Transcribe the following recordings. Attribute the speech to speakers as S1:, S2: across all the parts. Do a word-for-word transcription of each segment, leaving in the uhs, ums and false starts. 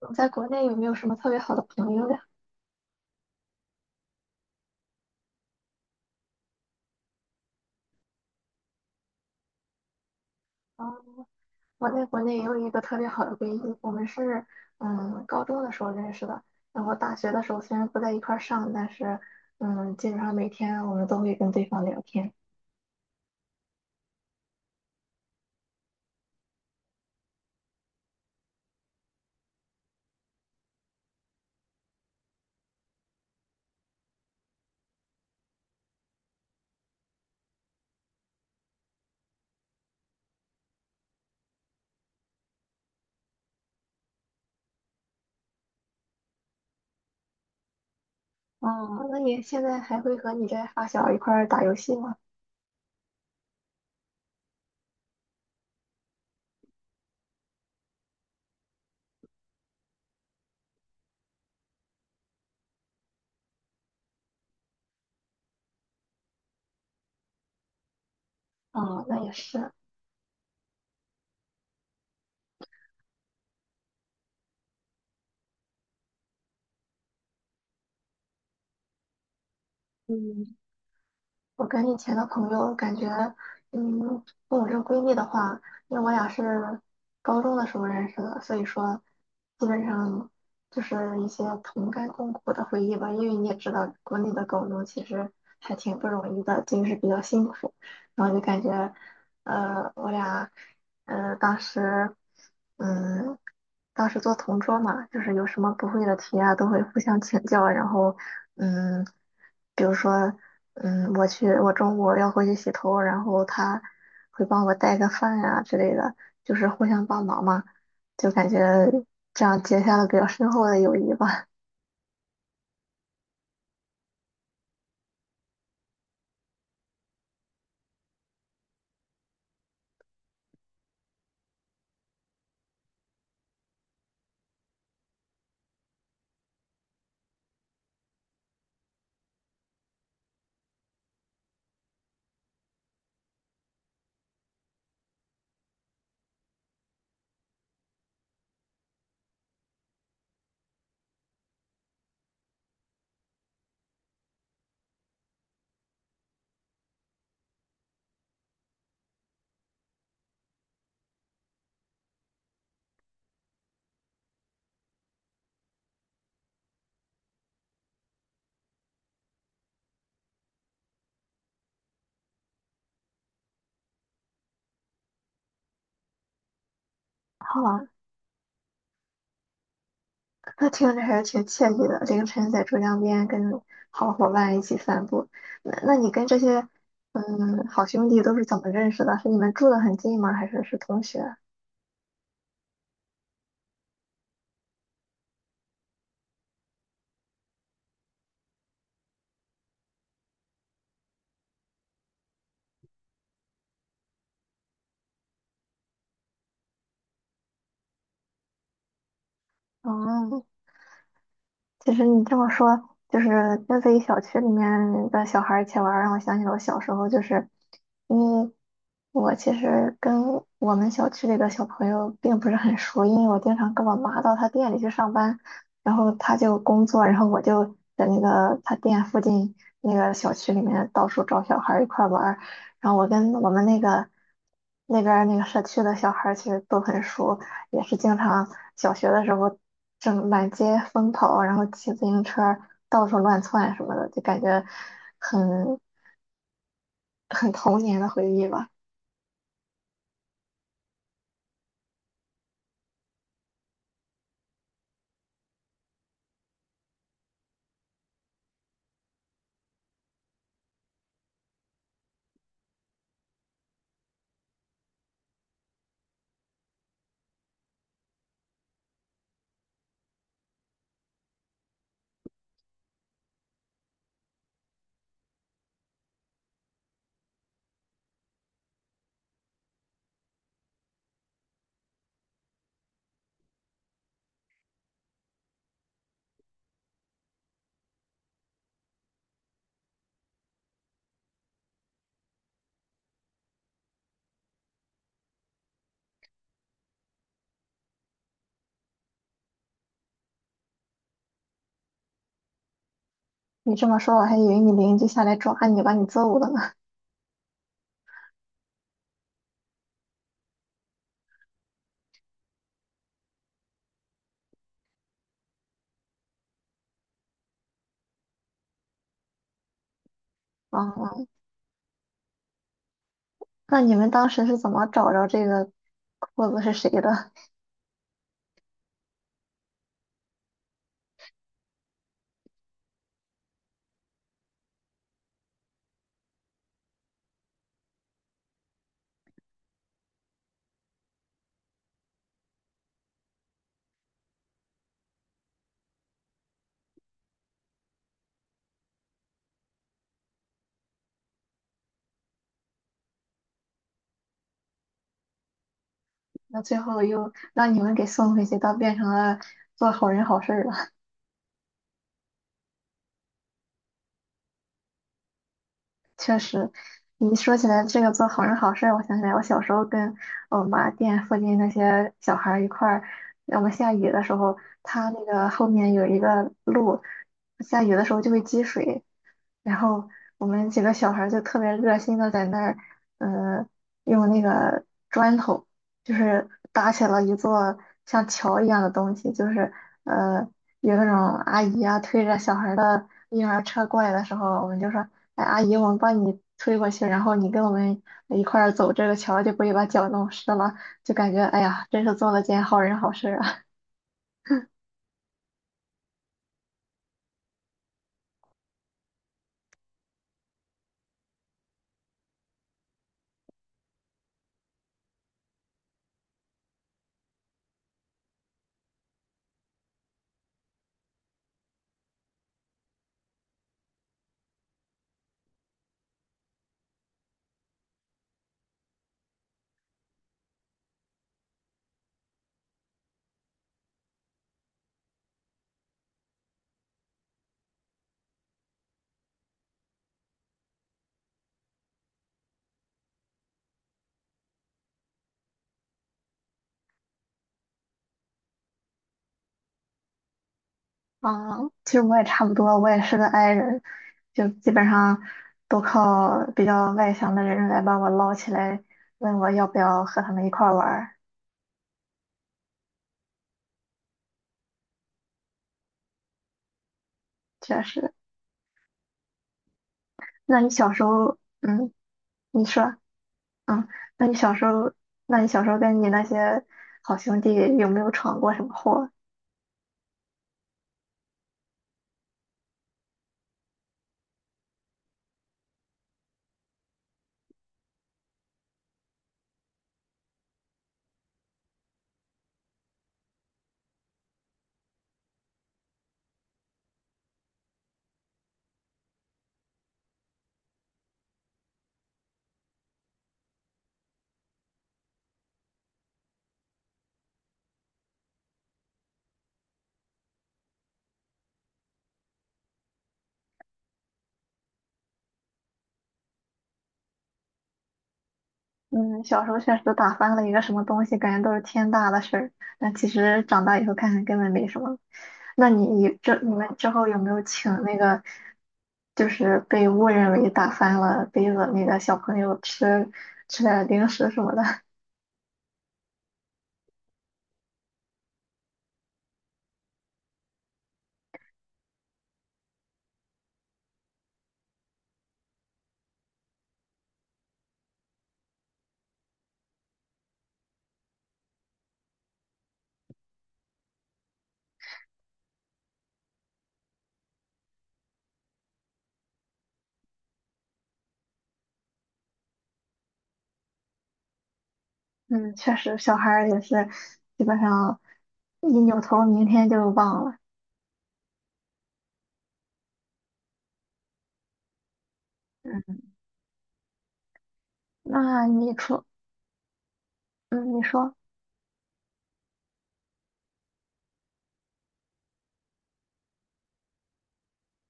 S1: 我在国内有没有什么特别好的朋友呀？嗯，我在国内也有一个特别好的闺蜜，我们是嗯高中的时候认识的，然后大学的时候虽然不在一块儿上，但是嗯基本上每天我们都会跟对方聊天。哦，那你现在还会和你这发小一块儿打游戏吗？哦，那也是。嗯，我跟以前的朋友感觉，嗯，跟我这个闺蜜的话，因为我俩是高中的时候认识的，所以说基本上就是一些同甘共苦的回忆吧。因为你也知道，国内的高中其实还挺不容易的，就是比较辛苦。然后就感觉，呃，我俩，呃，当时，嗯，当时做同桌嘛，就是有什么不会的题啊，都会互相请教，然后，嗯，比如说。嗯，我去，我中午要回去洗头，然后他会帮我带个饭呀、之类的，就是互相帮忙嘛，就感觉这样结下了比较深厚的友谊吧。好啊，那听着还是挺惬意的，凌晨在珠江边跟好伙伴一起散步。那那你跟这些嗯好兄弟都是怎么认识的？是你们住得很近吗？还是是同学？哦，其实你这么说，就是跟自己小区里面的小孩儿一起玩儿，让我想起了我小时候，就是因为我其实跟我们小区里的小朋友并不是很熟，因为我经常跟我妈到她店里去上班，然后她就工作，然后我就在那个她店附近那个小区里面到处找小孩儿一块儿玩儿，然后我跟我们那个那边儿那个社区的小孩儿其实都很熟。也是经常小学的时候正满街疯跑，然后骑自行车到处乱窜什么的，就感觉很很童年的回忆吧。你这么说，我还以为你邻居下来抓你，把你揍了呢。啊、那你们当时是怎么找着这个裤子是谁的？那最后又让你们给送回去，倒变成了做好人好事儿了。确实，你一说起来这个做好人好事儿，我想起来我小时候跟我妈店附近那些小孩儿一块儿，我们下雨的时候，它那个后面有一个路，下雨的时候就会积水，然后我们几个小孩儿就特别热心的在那儿，呃，用那个砖头，就是搭起了一座像桥一样的东西，就是呃，有那种阿姨啊推着小孩儿的婴儿车过来的时候，我们就说，哎，阿姨，我们帮你推过去，然后你跟我们一块儿走这个桥，就不会把脚弄湿了，就感觉哎呀，真是做了件好人好事儿啊。啊，其实我也差不多，我也是个 i 人，就基本上都靠比较外向的人来把我捞起来，问我要不要和他们一块儿玩儿。确实，那你小时候，嗯，你说，嗯，那你小时候，那你小时候跟你那些好兄弟有没有闯过什么祸？嗯，小时候确实打翻了一个什么东西，感觉都是天大的事儿。但其实长大以后看看根本没什么。那你你这你们之后有没有请那个，就是被误认为打翻了杯子那个小朋友吃吃点儿零食什么的？嗯，确实，小孩儿也是基本上一扭头，明天就忘了。嗯，那你说，嗯，你说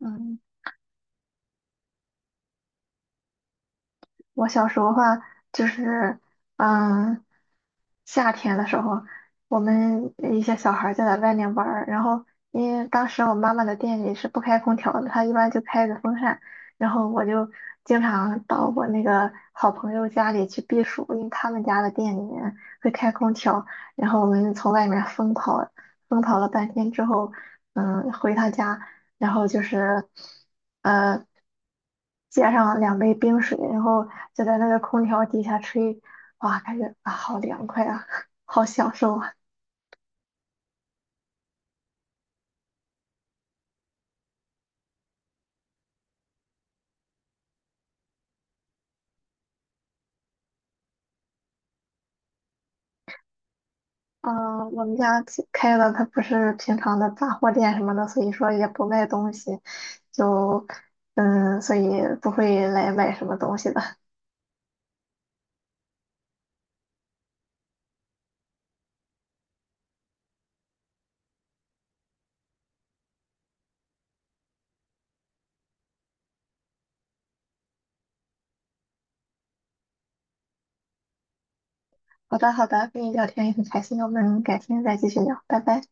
S1: 嗯。我小时候的话，就是，嗯，夏天的时候，我们一些小孩儿就在外面玩儿，然后因为当时我妈妈的店里是不开空调的，她一般就开着风扇，然后我就经常到我那个好朋友家里去避暑，因为他们家的店里面会开空调，然后我们从外面疯跑，疯跑了半天之后，嗯，回他家，然后就是，呃。接上两杯冰水，然后就在那个空调底下吹，哇，感觉啊好凉快啊，好享受啊！嗯，我们家其开的它不是平常的杂货店什么的，所以说也不卖东西，就嗯，所以不会来买什么东西的。好的，好的，跟你聊天也很开心，我们改天再继续聊，拜拜。